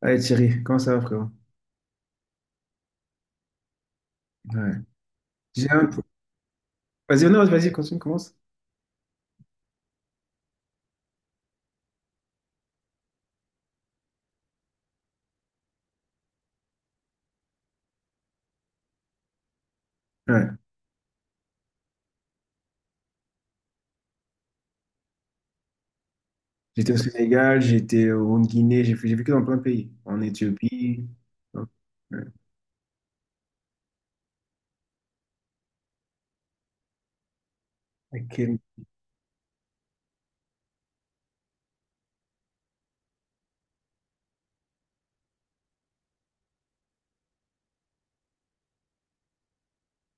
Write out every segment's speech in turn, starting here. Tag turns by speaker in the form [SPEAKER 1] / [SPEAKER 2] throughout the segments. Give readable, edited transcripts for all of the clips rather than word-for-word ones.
[SPEAKER 1] Allez Thierry, comment ça va frérot? Ouais. J'ai un- vas-y, non, vas-y, continue, commence. Ouais. J'étais au Sénégal, j'étais en Guinée, j'ai vécu dans plein de pays. En Éthiopie. Ouais. Ok.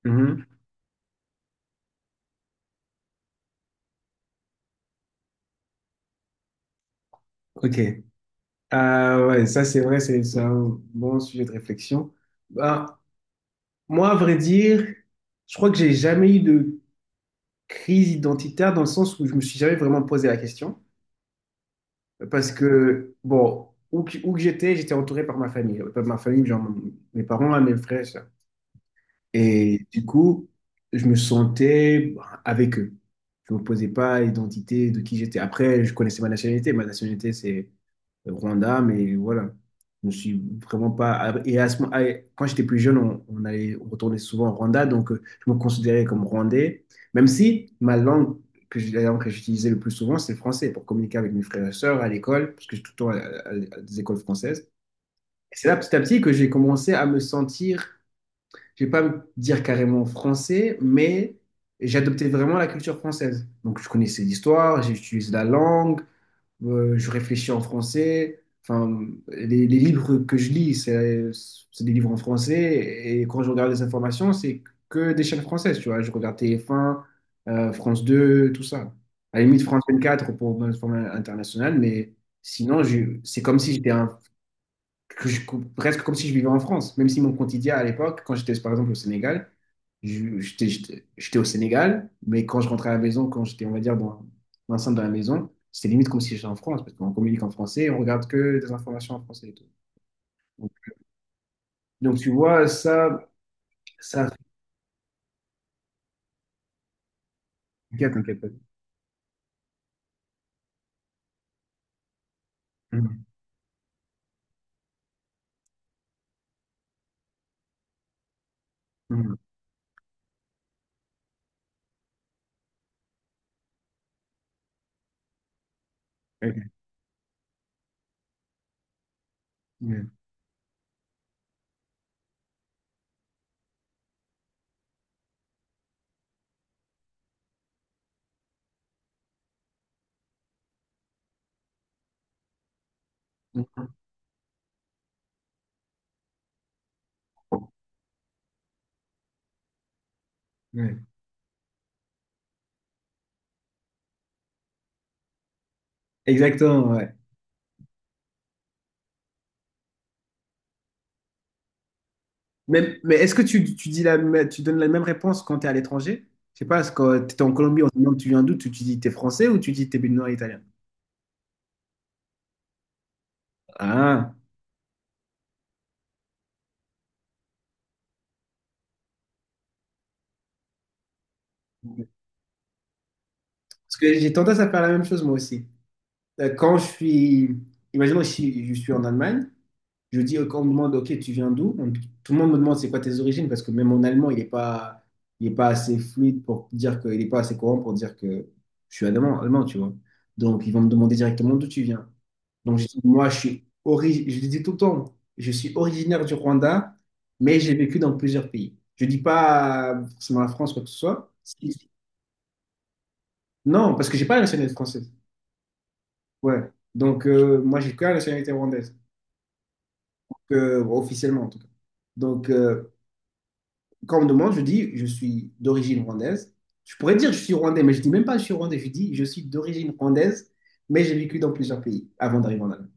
[SPEAKER 1] Mhm. Ok. Ah ouais, ça c'est vrai, c'est un bon sujet de réflexion. Bah, moi, à vrai dire, je crois que j'ai jamais eu de crise identitaire dans le sens où je me suis jamais vraiment posé la question. Parce que, bon, où que j'étais, j'étais entouré par ma famille. Par ma famille, genre mes parents, mes frères. Et du coup, je me sentais avec eux. Je ne me posais pas l'identité de qui j'étais. Après, je connaissais ma nationalité. Ma nationalité, c'est le Rwanda, mais voilà. Je ne suis vraiment pas. Et à ce moment, ah, quand j'étais plus jeune, on allait, on retournait souvent au Rwanda, donc je me considérais comme Rwandais, même si ma langue, que j'ai- la langue que j'utilisais le plus souvent, c'est le français pour communiquer avec mes frères et sœurs à l'école, parce que j'étais tout le temps à des écoles françaises. Et c'est là, petit à petit, que j'ai commencé à me sentir, je vais pas me dire carrément français, mais j'ai adopté vraiment la culture française. Donc, je connaissais l'histoire, j'utilise la langue, je réfléchis en français. Enfin, les livres que je lis, c'est des livres en français. Et quand je regarde les informations, c'est que des chaînes françaises, tu vois. Je regarde TF1, France 2, tout ça. À la limite, France 24 pour l'information international, mais sinon, c'est comme si j'étais un que je- presque comme si je vivais en France, même si mon quotidien à l'époque, quand j'étais par exemple au Sénégal, j'étais au Sénégal, mais quand je rentrais à la maison, quand j'étais, on va dire, dans l'enceinte de la maison, c'était limite comme si j'étais en France, parce qu'on communique en français, on regarde que des informations en français et tout. Donc, donc, tu vois, ça, t'inquiète, t'inquiète pas. Mhm, mhm, ok, ouais, ouais. Exactement, ouais. Mais est-ce que tu donnes la même réponse quand tu es à l'étranger? Je sais pas, est-ce que tu es en Colombie, on te demande tu viens d'où, tu dis t'es français ou tu dis t'es es noir italien? Ah, parce que j'ai tendance à faire la même chose moi aussi. Quand je suis, imaginons, je suis en Allemagne, je dis, quand on me demande, ok, tu viens d'où? Tout le monde me demande c'est quoi tes origines, parce que même mon allemand, il est pas assez fluide pour dire que, il n'est pas assez courant pour dire que je suis allemand, allemand, tu vois. Donc, ils vont me demander directement d'où tu viens. Donc, je dis, moi, je le dis tout le temps, je suis originaire du Rwanda, mais j'ai vécu dans plusieurs pays. Je dis pas forcément la France, quoi que ce soit. Si. Non, parce que j'ai pas la nationalité française. Ouais. Donc, moi, j'ai que la nationalité rwandaise, que, bon, officiellement en tout cas. Donc, quand on me demande, je dis, je suis d'origine rwandaise. Je pourrais dire, je suis rwandais, mais je dis même pas, je suis rwandais. Je dis, je suis d'origine rwandaise, mais j'ai vécu dans plusieurs pays avant d'arriver en Allemagne.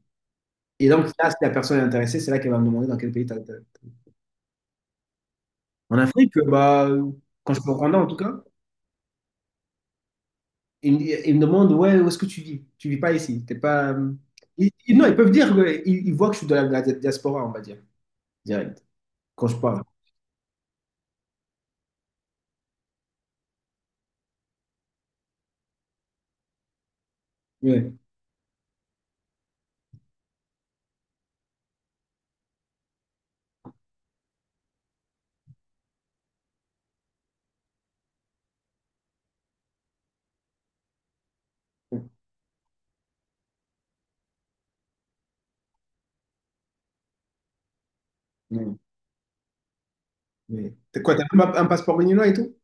[SPEAKER 1] Et donc, là, si la personne est intéressée, c'est là qu'elle va me demander dans quel pays tu as. En Afrique, quand je suis au Rwanda, en tout cas, ils me demandent, ouais, où est-ce que tu vis? Tu vis pas ici. T'es pas. Non, ils peuvent dire, ils voient que je suis de la diaspora, on va dire, direct, quand je parle. Ouais. Mm. Mais t'as quoi, t'as même un passeport béninois et tout?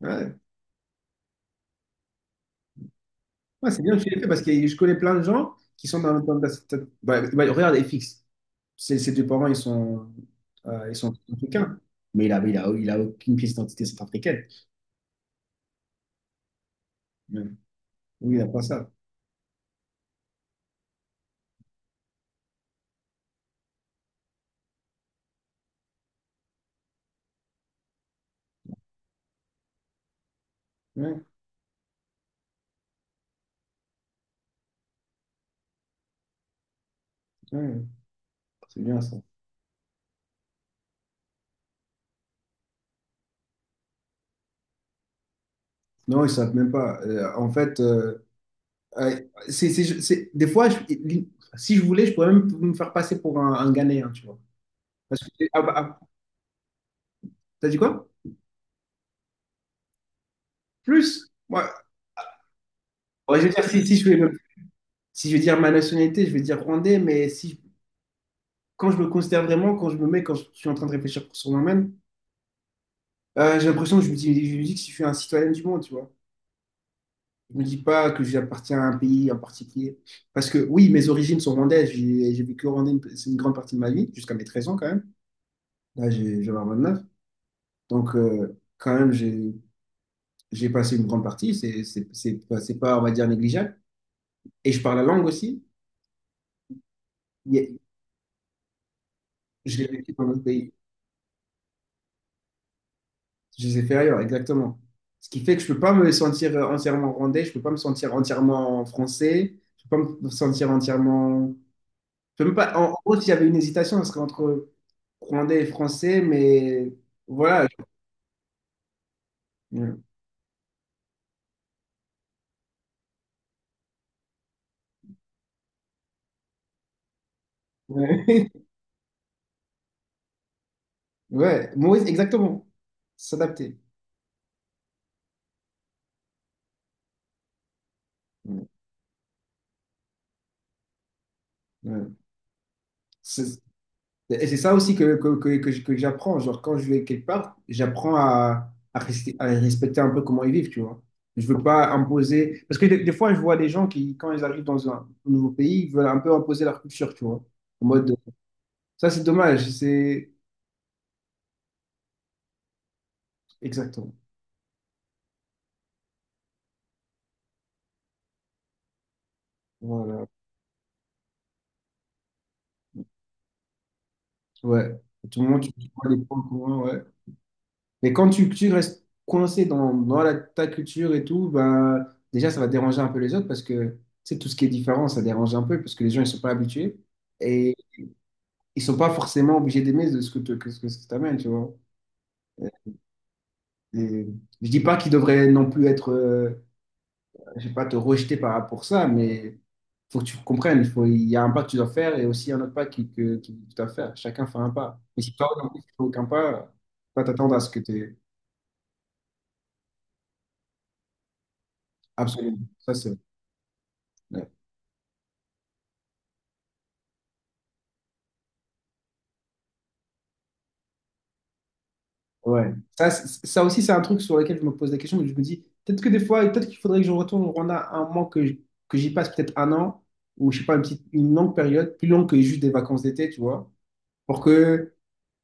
[SPEAKER 1] Ouais. Ouais, c'est bien que tu l'aies fait, parce que je connais plein de gens qui sont dans cette- bah, bah, regarde FX, ses deux parents ils sont africains, mais il a aucune pièce d'identité centrafricaine. Ouais. Oui, il n'a pas ça. Ouais, ouais, c'est bien ça. Non, ils ne savent même pas. Euh, des fois, si je voulais, je pourrais même me faire passer pour un Ghanéen, tu vois. Parce que, ah, bah, ah, t'as dit quoi? Plus? Ouais. Ouais, je veux dire, si je veux dire ma nationalité, je vais dire rwandais, mais si, quand je me considère vraiment, quand je suis en train de réfléchir sur moi-même, j'ai l'impression que je me dis que je suis un citoyen du monde, tu vois. Je me dis pas que j'appartiens à un pays en particulier. Parce que oui, mes origines sont rwandaises. J'ai vécu au Rwanda, c'est une grande partie de ma vie, jusqu'à mes 13 ans quand même. Là, j'en ai 29. Donc, quand même, j'ai passé une grande partie. C'est pas, on va dire, négligeable. Et je parle la langue aussi. Il y a- Je l'ai vécu dans notre pays. Je les ai fait ailleurs, exactement. Ce qui fait que je peux pas me sentir entièrement rwandais, je peux pas me sentir entièrement français, je peux pas me sentir entièrement. Je peux même pas... En gros, s'il y avait une hésitation, ce serait entre rwandais et français, mais voilà. Ouais. Ouais. Maurice, exactement. S'adapter. Ouais. Ouais. C'est- Et c'est ça aussi que j'apprends. Genre, quand je vais quelque part, j'apprends à respecter un peu comment ils vivent, tu vois. Je veux pas imposer. Parce que des fois, je vois des gens qui, quand ils arrivent dans nouveau pays, ils veulent un peu imposer leur culture, tu vois. En mode, ça, c'est dommage. C'est exactement. Voilà. Ouais. À tout le monde, tu vois les points communs, ouais. Mais quand tu restes coincé ta culture et tout, bah, déjà, ça va déranger un peu les autres parce que, tu sais, tout ce qui est différent, ça dérange un peu parce que les gens, ils sont pas habitués. Et ils sont pas forcément obligés d'aimer de ce que ce que t'amènes, tu vois. Et je dis pas qu'ils devraient non plus être, je sais pas, te rejeter par rapport à ça, mais faut que tu comprennes, il y a un pas que tu dois faire et aussi un autre pas que tu dois faire. Chacun fait un pas. Mais si toi, non plus, tu fais aucun pas, faut pas t'attendre à ce que tu es. Absolument. Ça, c'est. Ouais. Ça, ça aussi, c'est un truc sur lequel je me pose la question, mais je me dis, peut-être que des fois, peut-être qu'il faudrait que je retourne au Rwanda un mois, que j'y passe peut-être un an, ou je sais pas, une longue période, plus longue que juste des vacances d'été, tu vois, pour que,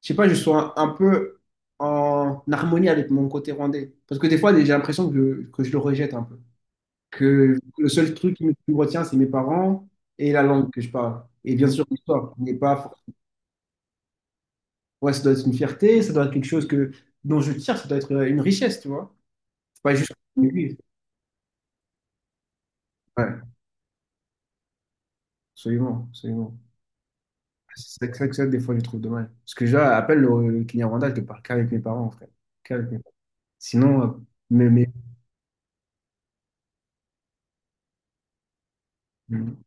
[SPEAKER 1] je sais pas, je sois un peu en harmonie avec mon côté rwandais. Parce que des fois, j'ai l'impression que je le rejette un peu. Que le seul truc qui me retient, c'est mes parents et la langue que je parle. Et bien sûr, l'histoire. N'est pas... Ouais, ça doit être une fierté, ça doit être quelque chose que, dont je tire, ça doit être une richesse, tu vois. Pas juste contre l'église. Ouais, absolument, absolument. C'est ça, que c'est que ça, des fois, je trouve dommage. Parce que déjà, appelle le client randal, je te parle qu'avec mes parents, frère. Qu'avec mes parents. Sinon, mais, mais, mm.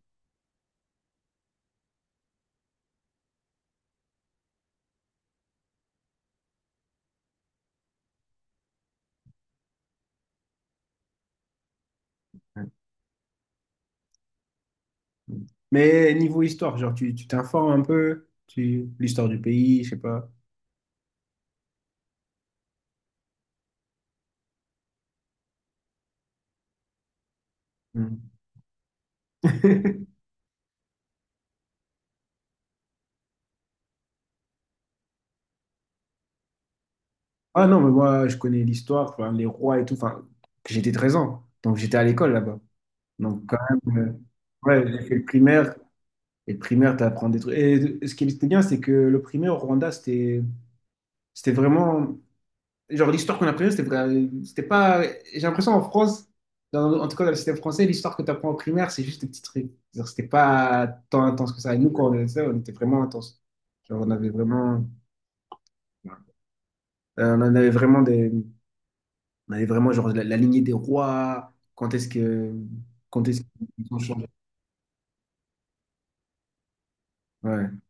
[SPEAKER 1] Ouais. Mais niveau histoire, genre, tu t'informes un peu, tu, l'histoire du pays, je sais pas. Mm. Ah non, mais moi, je connais l'histoire, enfin, les rois et tout. Enfin, j'étais 13 ans, donc j'étais à l'école là-bas. Donc, quand même, ouais, j'ai fait le primaire. Et le primaire, tu apprends des trucs. Et ce qui était bien, c'est que le primaire au Rwanda, c'était. C'était vraiment. Genre, l'histoire qu'on apprenait, c'était pas. J'ai l'impression en France, en tout cas dans le système français, l'histoire que tu apprends en primaire, c'est juste des petits trucs. Genre, c'était pas tant intense que ça. Et nous, quand on faisait ça, on était vraiment intense. Genre, on avait vraiment. On en avait vraiment des, on avait vraiment genre la lignée des rois. Quand est-ce qu'ils ont changé? Ouais,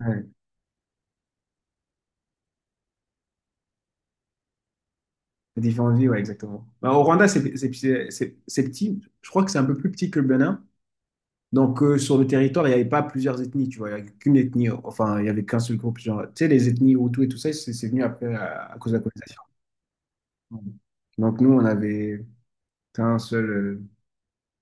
[SPEAKER 1] ouais. Les différentes vies, ouais, exactement. Bah, au Rwanda, c'est petit. Je crois que c'est un peu plus petit que le Bénin. Donc, sur le territoire, il n'y avait pas plusieurs ethnies, tu vois. Il n'y avait qu'une ethnie. Enfin, il n'y avait qu'un seul groupe. Genre, tu sais, les ethnies Hutu et tout ça, c'est venu après à cause de la colonisation. Donc, nous, on avait un seul.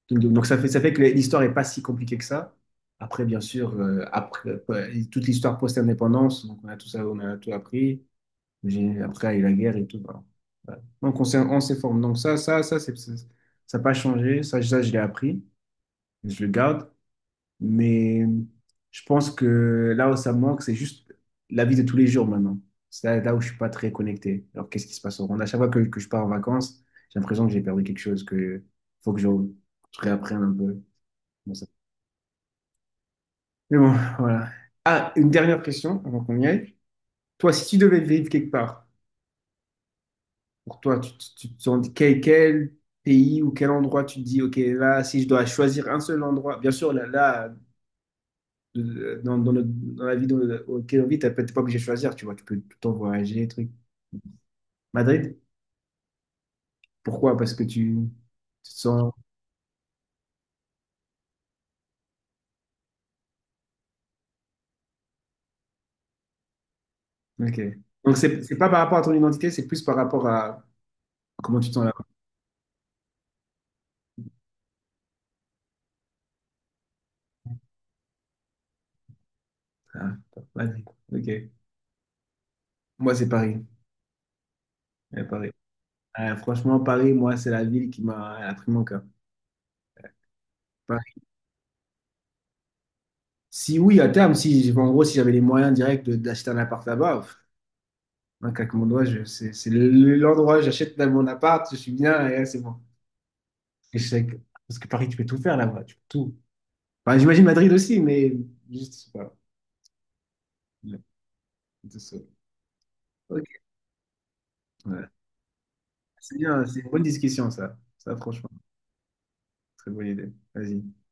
[SPEAKER 1] Kingdom. Donc, ça fait que l'histoire n'est pas si compliquée que ça. Après, bien sûr, toute l'histoire post-indépendance, donc on a tout ça, on a tout appris. Après, il y a eu la guerre et tout. Voilà. Voilà. Donc, on s'est formé. Donc, ça n'a pas changé. Je l'ai appris. Je le garde. Mais je pense que là où ça me manque, c'est juste la vie de tous les jours maintenant. C'est là, là où je suis pas très connecté. Alors, qu'est-ce qui se passe au Rwanda? À chaque fois que je pars en vacances, j'ai l'impression que j'ai perdu quelque chose, que faut que je, je réapprenne un peu. Bon, ça- mais bon, voilà. Ah, une dernière question avant qu'on y aille. Toi, si tu devais vivre quelque part, pour toi, quel pays ou quel endroit tu te dis, ok, là, si je dois choisir un seul endroit, bien sûr, dans la vie auquel on vit, t'es pas obligé de choisir, tu vois, tu peux tout le temps voyager, truc. Madrid, pourquoi? Parce que tu te sens. Ok. Donc, c'est pas par rapport à ton identité, c'est plus par rapport à comment tu te sens là. Ah, Madrid. Ok. Moi, c'est Paris. Ouais, Paris. Franchement, Paris, moi, c'est la ville qui m'a elle a pris mon cœur. Paris. Si oui, à terme, si, si, en gros, si j'avais les moyens directs d'acheter un appart là-bas, pff, un claquement de doigts, c'est l'endroit, j'achète là mon appart, je suis bien, et là, c'est bon. Échec. Parce que Paris, tu peux tout faire là-bas, tu peux tout. Enfin, j'imagine Madrid aussi, mais juste, voilà. Le- Tout ça. Ok. Ouais. C'est bien, c'est une bonne discussion, ça. Ça, franchement, très bonne idée. Vas-y.